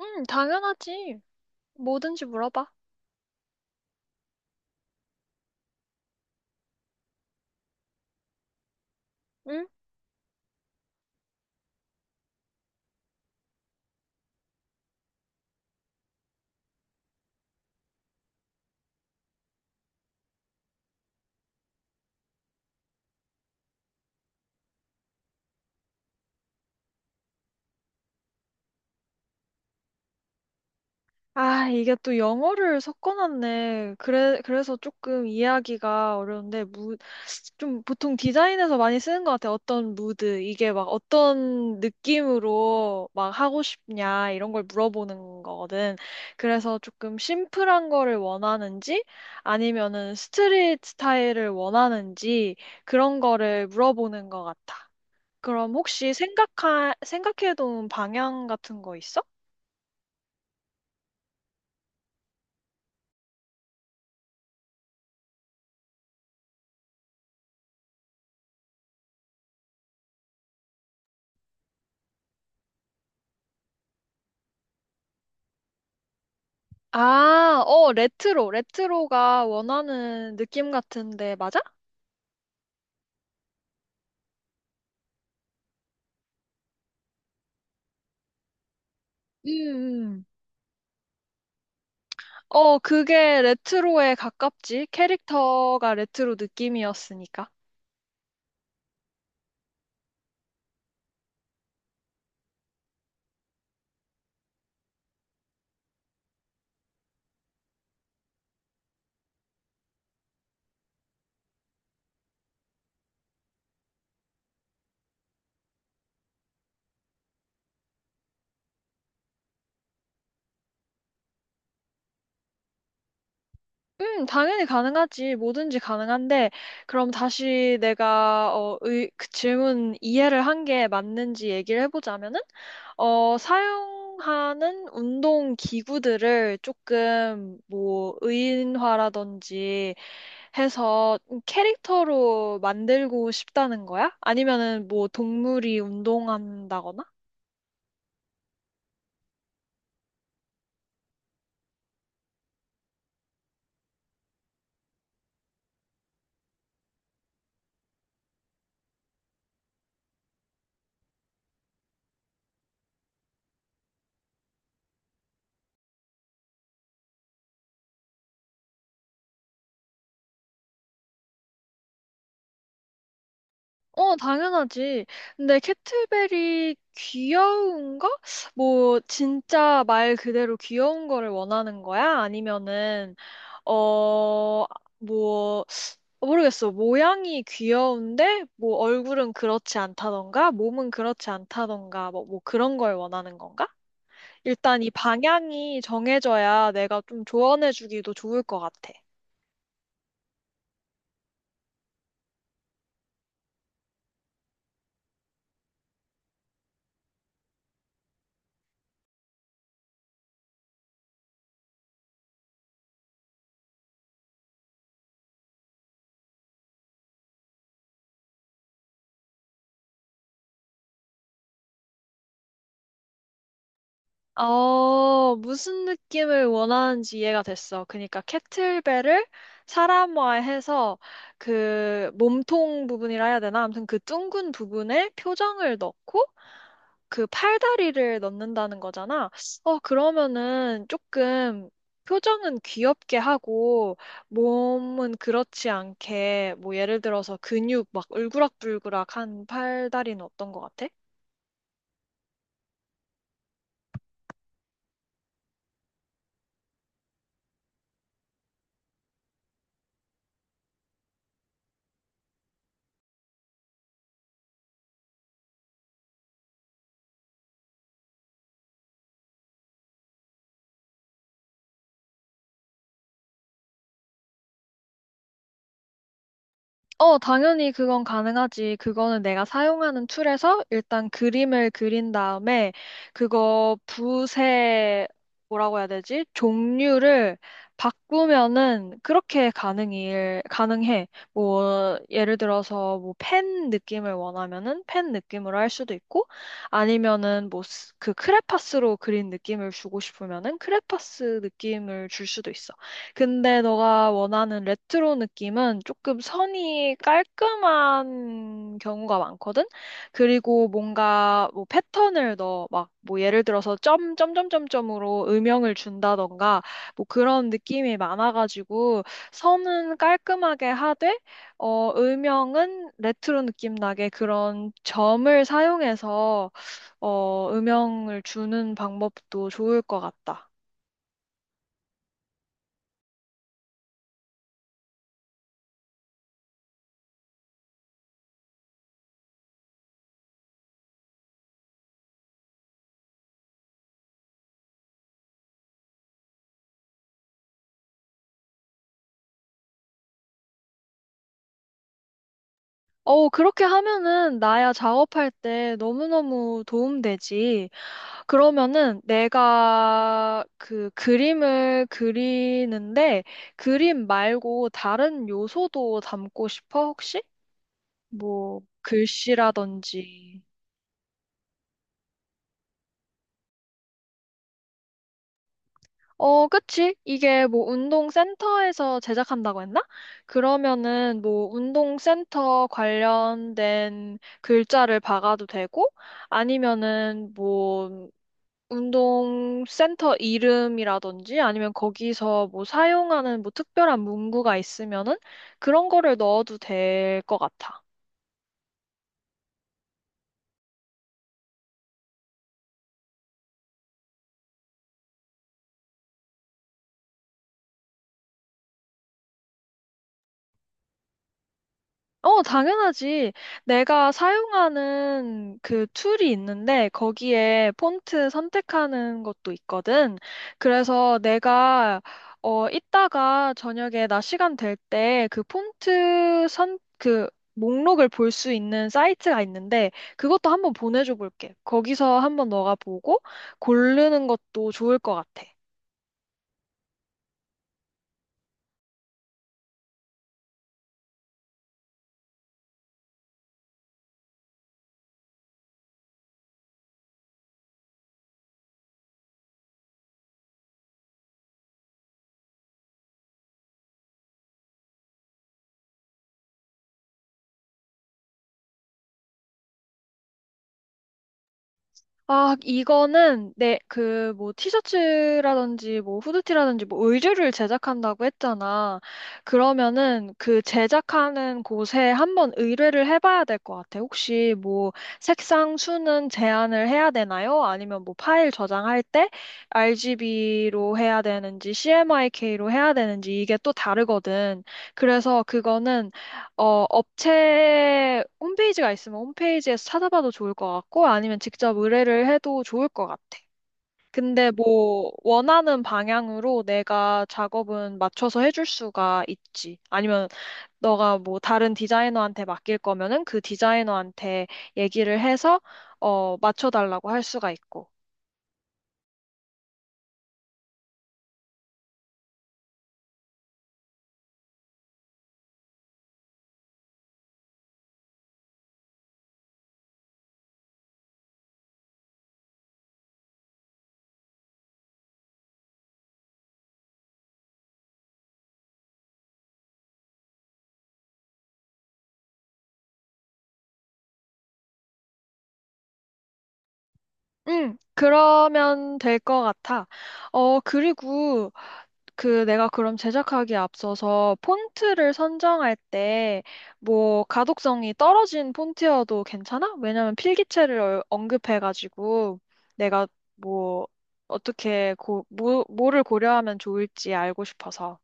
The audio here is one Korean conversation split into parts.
응, 당연하지. 뭐든지 물어봐. 응? 아, 이게 또 영어를 섞어놨네. 그래, 그래서 조금 이해하기가 어려운데, 좀 보통 디자인에서 많이 쓰는 것 같아. 어떤 무드, 이게 막 어떤 느낌으로 막 하고 싶냐, 이런 걸 물어보는 거거든. 그래서 조금 심플한 거를 원하는지, 아니면은 스트릿 스타일을 원하는지, 그런 거를 물어보는 것 같아. 그럼 혹시 생각해둔 방향 같은 거 있어? 아, 어, 레트로. 레트로가 원하는 느낌 같은데, 맞아? 음, 음. 어, 그게 레트로에 가깝지. 캐릭터가 레트로 느낌이었으니까. 당연히 가능하지. 뭐든지 가능한데, 그럼 다시 그 질문 이해를 한 게 맞는지 얘기를 해보자면은, 어, 사용하는 운동 기구들을 조금, 뭐, 의인화라든지 해서 캐릭터로 만들고 싶다는 거야? 아니면은 뭐, 동물이 운동한다거나? 어, 당연하지. 근데 캐트벨이 귀여운가? 뭐, 진짜 말 그대로 귀여운 거를 원하는 거야? 아니면은, 어, 뭐, 모르겠어. 모양이 귀여운데, 뭐, 얼굴은 그렇지 않다던가, 몸은 그렇지 않다던가, 뭐 그런 걸 원하는 건가? 일단 이 방향이 정해져야 내가 좀 조언해주기도 좋을 것 같아. 어, 무슨 느낌을 원하는지 이해가 됐어. 그러니까 캐틀벨을 사람화해서 그 몸통 부분이라 해야 되나? 아무튼 그 둥근 부분에 표정을 넣고 그 팔다리를 넣는다는 거잖아. 어, 그러면은 조금 표정은 귀엽게 하고 몸은 그렇지 않게 뭐 예를 들어서 근육 막 울그락불그락한 팔다리는 어떤 것 같아? 어, 당연히 그건 가능하지. 그거는 내가 사용하는 툴에서 일단 그림을 그린 다음에 그거 붓의 뭐라고 해야 되지? 종류를 바꾸면은 그렇게 가능해. 뭐, 예를 들어서 뭐 펜 느낌을 원하면은 펜 느낌으로 할 수도 있고 아니면은 뭐 그 크레파스로 그린 느낌을 주고 싶으면은 크레파스 느낌을 줄 수도 있어. 근데 너가 원하는 레트로 느낌은 조금 선이 깔끔한 경우가 많거든? 그리고 뭔가 뭐 패턴을 넣어. 막 뭐 예를 들어서 점, 점, 점, 점, 점으로 음영을 준다던가 뭐 그런 느낌이 많아가지고 선은 깔끔하게 하되, 어, 음영은 레트로 느낌 나게 그런 점을 사용해서 어, 음영을 주는 방법도 좋을 것 같다. 어, 그렇게 하면은 나야 작업할 때 너무너무 도움되지. 그러면은 내가 그 그림을 그리는데 그림 말고 다른 요소도 담고 싶어, 혹시? 뭐 글씨라든지. 어, 그치? 이게 뭐 운동센터에서 제작한다고 했나? 그러면은 뭐 운동센터 관련된 글자를 박아도 되고 아니면은 뭐 운동 센터 이름이라든지 아니면 거기서 뭐 사용하는 뭐 특별한 문구가 있으면은 그런 거를 넣어도 될 것 같아. 어, 당연하지. 내가 사용하는 그 툴이 있는데 거기에 폰트 선택하는 것도 있거든. 그래서 내가 어 이따가 저녁에 나 시간 될 때 그 폰트 선 그 목록을 볼 수 있는 사이트가 있는데 그것도 한번 보내줘 볼게. 거기서 한번 너가 보고 고르는 것도 좋을 것 같아. 아, 이거는 내 그 뭐 티셔츠라든지 뭐 후드티라든지 뭐 의류를 제작한다고 했잖아. 그러면은 그 제작하는 곳에 한번 의뢰를 해봐야 될 것 같아. 혹시 뭐 색상 수는 제한을 해야 되나요? 아니면 뭐 파일 저장할 때 RGB로 해야 되는지 CMYK로 해야 되는지 이게 또 다르거든. 그래서 그거는 어, 업체 홈페이지가 있으면 홈페이지에서 찾아봐도 좋을 것 같고, 아니면 직접 의뢰를 해도 좋을 것 같아. 근데 뭐, 원하는 방향으로 내가 작업은 맞춰서 해줄 수가 있지. 아니면 너가 뭐 다른 디자이너한테 맡길 거면은 그 디자이너한테 얘기를 해서, 어, 맞춰달라고 할 수가 있고. 응, 그러면 될 것 같아. 어, 그리고, 그 내가 그럼 제작하기에 앞서서 폰트를 선정할 때 뭐 가독성이 떨어진 폰트여도 괜찮아? 왜냐면 필기체를 언급해가지고 내가 뭐 뭐, 뭐를 고려하면 좋을지 알고 싶어서.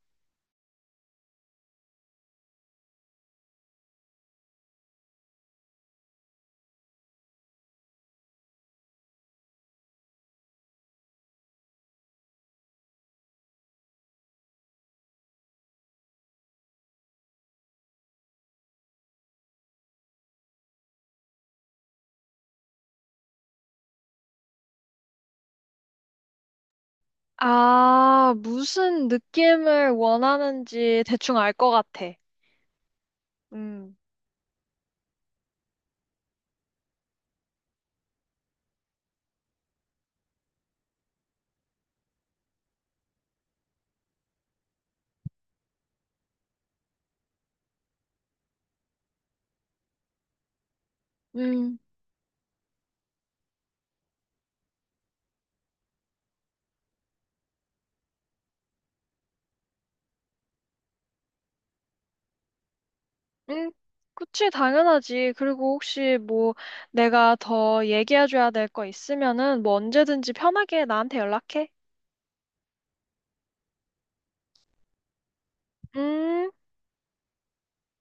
아, 무슨 느낌을 원하는지 대충 알 것 같아. 음. 음. 음, 그치, 당연하지. 그리고 혹시 뭐 내가 더 얘기해줘야 될 거 있으면은 뭐 언제든지 편하게 나한테 연락해. 음.